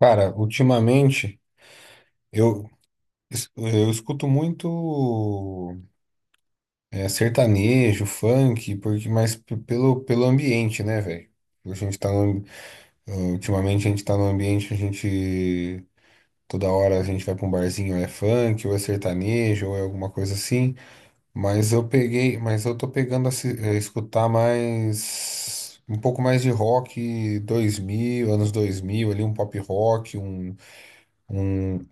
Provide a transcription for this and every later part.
Cara, ultimamente eu, eu escuto muito sertanejo, funk, porque pelo ambiente, né, velho? A gente tá no, ultimamente a gente tá no ambiente, a gente toda hora a gente vai pra um barzinho, ou é funk, ou é sertanejo, ou é alguma coisa assim. Mas eu tô pegando a, se- a escutar mais um pouco mais de rock 2000 anos 2000 ali um pop rock, um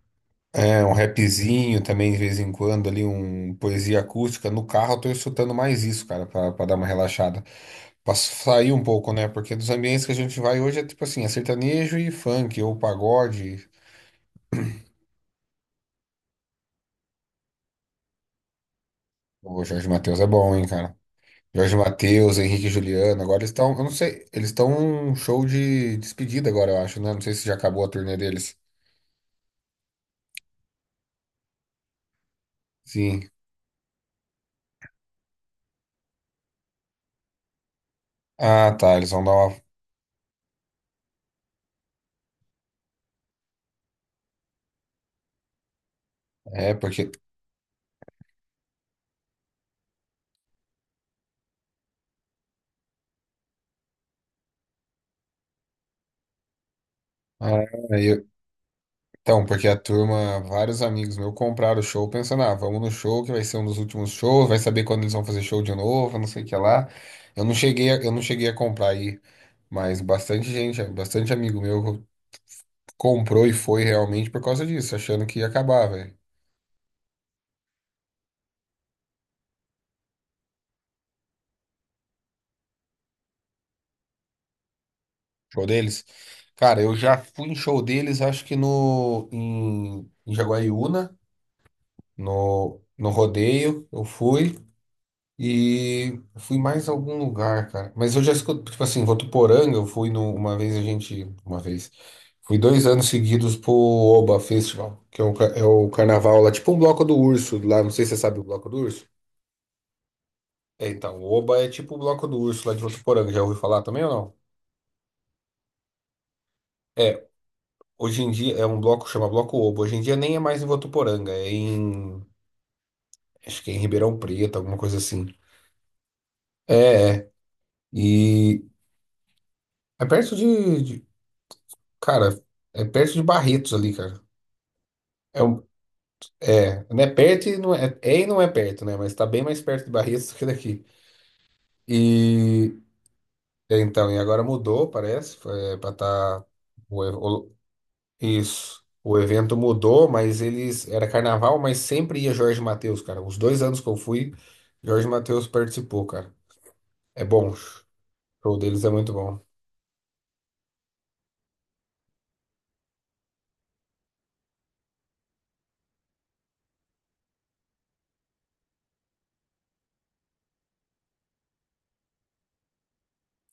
É, um rapzinho também de vez em quando, ali, um poesia acústica. No carro eu tô escutando mais isso, cara, pra dar uma relaxada. Pra sair um pouco, né? Porque dos ambientes que a gente vai hoje é tipo assim, é sertanejo e funk, ou pagode. O Jorge Mateus é bom, hein, cara? Jorge Mateus, Henrique e Juliano, agora eles estão, eu não sei, eles estão um show de despedida agora, eu acho, né? Não sei se já acabou a turnê deles. Sim. Ah, tá, eles vão dar uma. É, porque. Ah, então, porque a turma, vários amigos meus compraram o show pensando, ah, vamos no show que vai ser um dos últimos shows, vai saber quando eles vão fazer show de novo, não sei o que lá. Eu não cheguei a comprar aí, mas bastante gente, bastante amigo meu comprou e foi realmente por causa disso, achando que ia acabar, velho. Show deles. Cara, eu já fui em show deles, acho que em Jaguariúna, no rodeio, eu fui. E fui mais a algum lugar, cara. Mas eu já escuto, tipo assim, Votuporanga, eu fui no, uma vez a gente, uma vez, fui dois anos seguidos pro Oba Festival, que é o, ca- é o carnaval lá, tipo um bloco do urso lá, não sei se você sabe o bloco do urso. É, então, o Oba é tipo o bloco do urso lá de Votuporanga, já ouviu falar também ou não? É, hoje em dia é um bloco, chama Bloco Oba, hoje em dia nem é mais em Votuporanga, é em, acho que é em Ribeirão Preto, alguma coisa assim. É, é. E é perto de. Cara, é perto de Barretos ali, cara. É, um- é, não é perto e não é, é e não é perto, né? Mas tá bem mais perto de Barretos do que daqui. E é, então, e agora mudou, parece, foi, é, pra tá o, e- o- isso. O evento mudou, mas eles era carnaval, mas sempre ia Jorge Mateus, cara. Os dois anos que eu fui, Jorge Mateus participou, cara. É bom. O show deles é muito bom.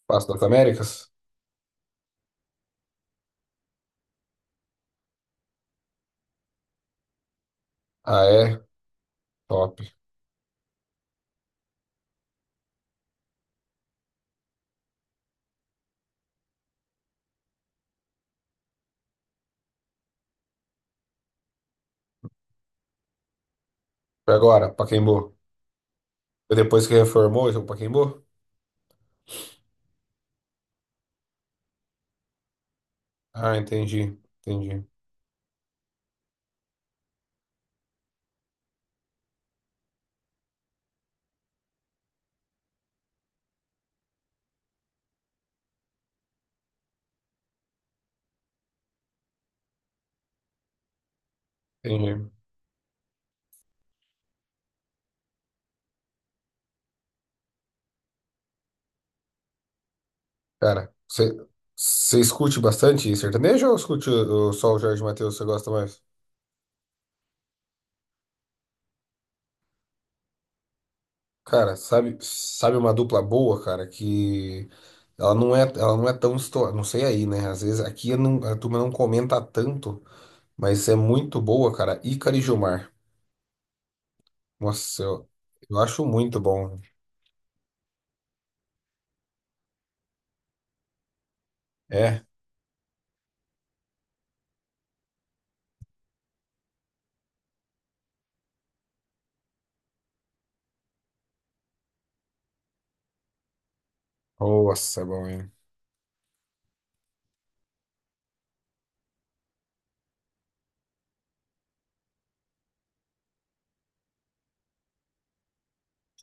Passo das Américas? Ah, é? Top. Agora, Pacaembu. Depois que reformou, esse é o Pacaembu? Ah, entendi. Cara, você escute bastante sertanejo ou só o Jorge Mateus, você gosta mais? Cara, sabe uma dupla boa, cara, que ela não é tão estourada, não sei aí, né? Às vezes aqui eu não, a turma não comenta tanto, mas é muito boa, cara. Ícaro e Gilmar. Nossa, eu, eu acho muito bom. É, nossa, é bom, hein?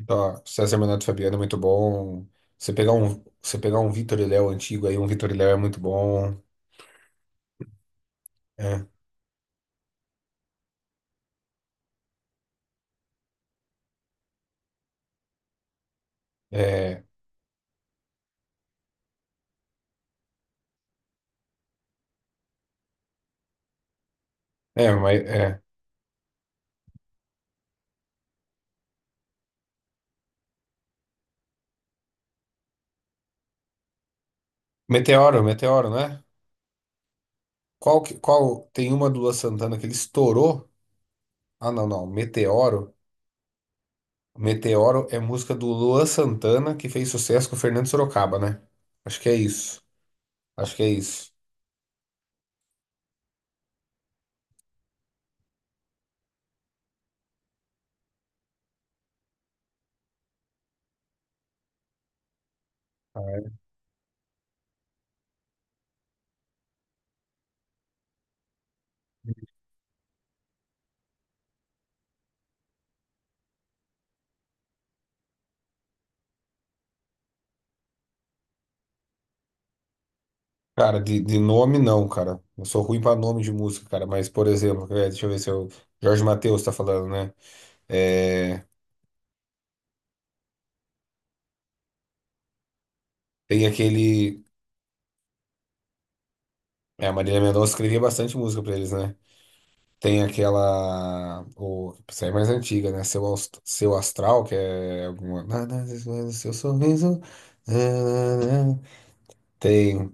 Ó, César Menotti e Fabiano é muito bom. Você pegar um Vitor e Léo antigo aí, um Vitor e Léo é muito bom. É, é, mas é. Meteoro, não é? Qual tem uma do Luan Santana que ele estourou? Ah, não, não. Meteoro. Meteoro é música do Luan Santana que fez sucesso com o Fernando Sorocaba, né? Acho que é isso. Acho que é isso. Cara, de nome não, cara. Eu sou ruim pra nome de música, cara. Mas, por exemplo, é, deixa eu ver se eu. Jorge Mateus tá falando, né? É. Tem aquele. É, a Marília Mendonça escrevia bastante música pra eles, né? Tem aquela. O, essa é mais antiga, né? Seu Astral, que é alguma. "Na, na, na, na, seu sorriso. Na, na, na". Tem.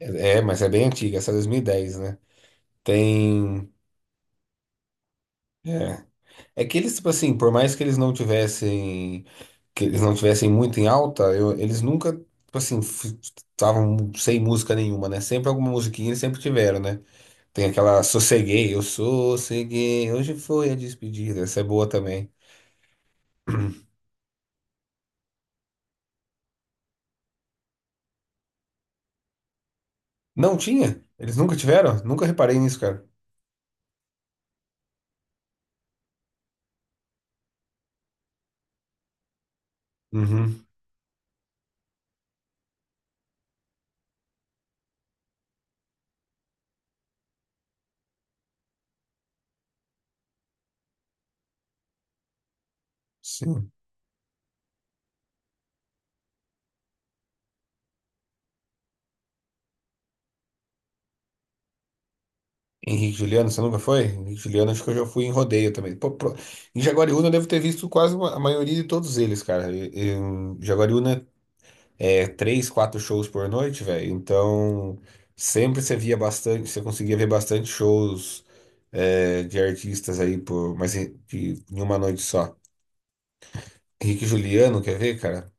É, mas é bem antiga, essa é 2010, né? Tem. É. É que eles, tipo assim, por mais que eles não tivessem. Que eles não tivessem muito em alta, eles nunca, tipo assim, estavam sem música nenhuma, né? Sempre alguma musiquinha eles sempre tiveram, né? Tem aquela Sosseguei, eu sosseguei, hoje foi a despedida. Essa é boa também. Não tinha? Eles nunca tiveram? Nunca reparei nisso, cara. Uhum. Sim. Henrique e Juliano, você nunca foi? Henrique e Juliano, acho que eu já fui em rodeio também. Pô, pro- Em Jaguariúna eu devo ter visto quase a maioria de todos eles, cara. E- Em Jaguariúna é três, quatro shows por noite, velho. Então sempre você via bastante, você conseguia ver bastante shows é, de artistas aí por, mas em, de, em uma noite só. Henrique e Juliano, quer ver, cara?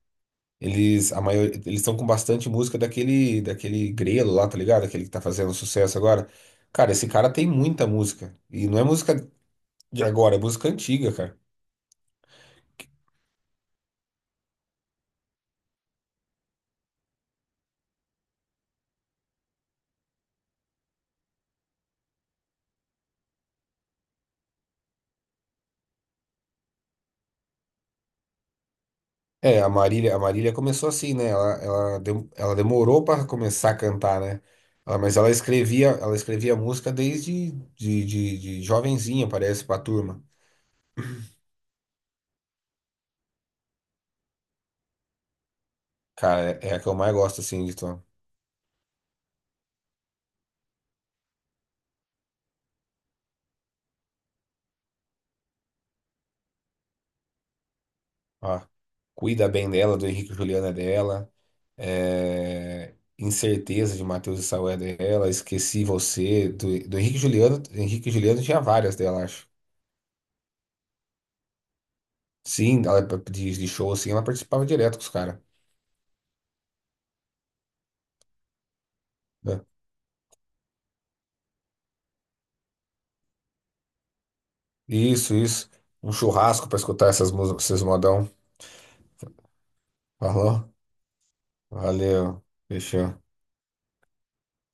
Eles, a maior, eles estão com bastante música daquele Grelo lá, tá ligado? Aquele que tá fazendo sucesso agora. Cara, esse cara tem muita música. E não é música de agora, é música antiga, cara. É, a Marília começou assim, né? Ela demorou para começar a cantar, né? Mas ela escrevia música desde de jovenzinha, parece, pra turma. Cara, é, é a que eu mais gosto, assim, de tom. Ó, Cuida Bem Dela, do Henrique e Juliano é dela. É, Incerteza de Matheus e Saul é dela, Esqueci Você, do Henrique Juliano. Henrique Juliano tinha várias dela, acho. Sim, ela, de show, assim, ela participava direto com os caras. Né? Isso, isso. Um churrasco pra escutar essas músicas, esses modão. Falou? Valeu. Fechou.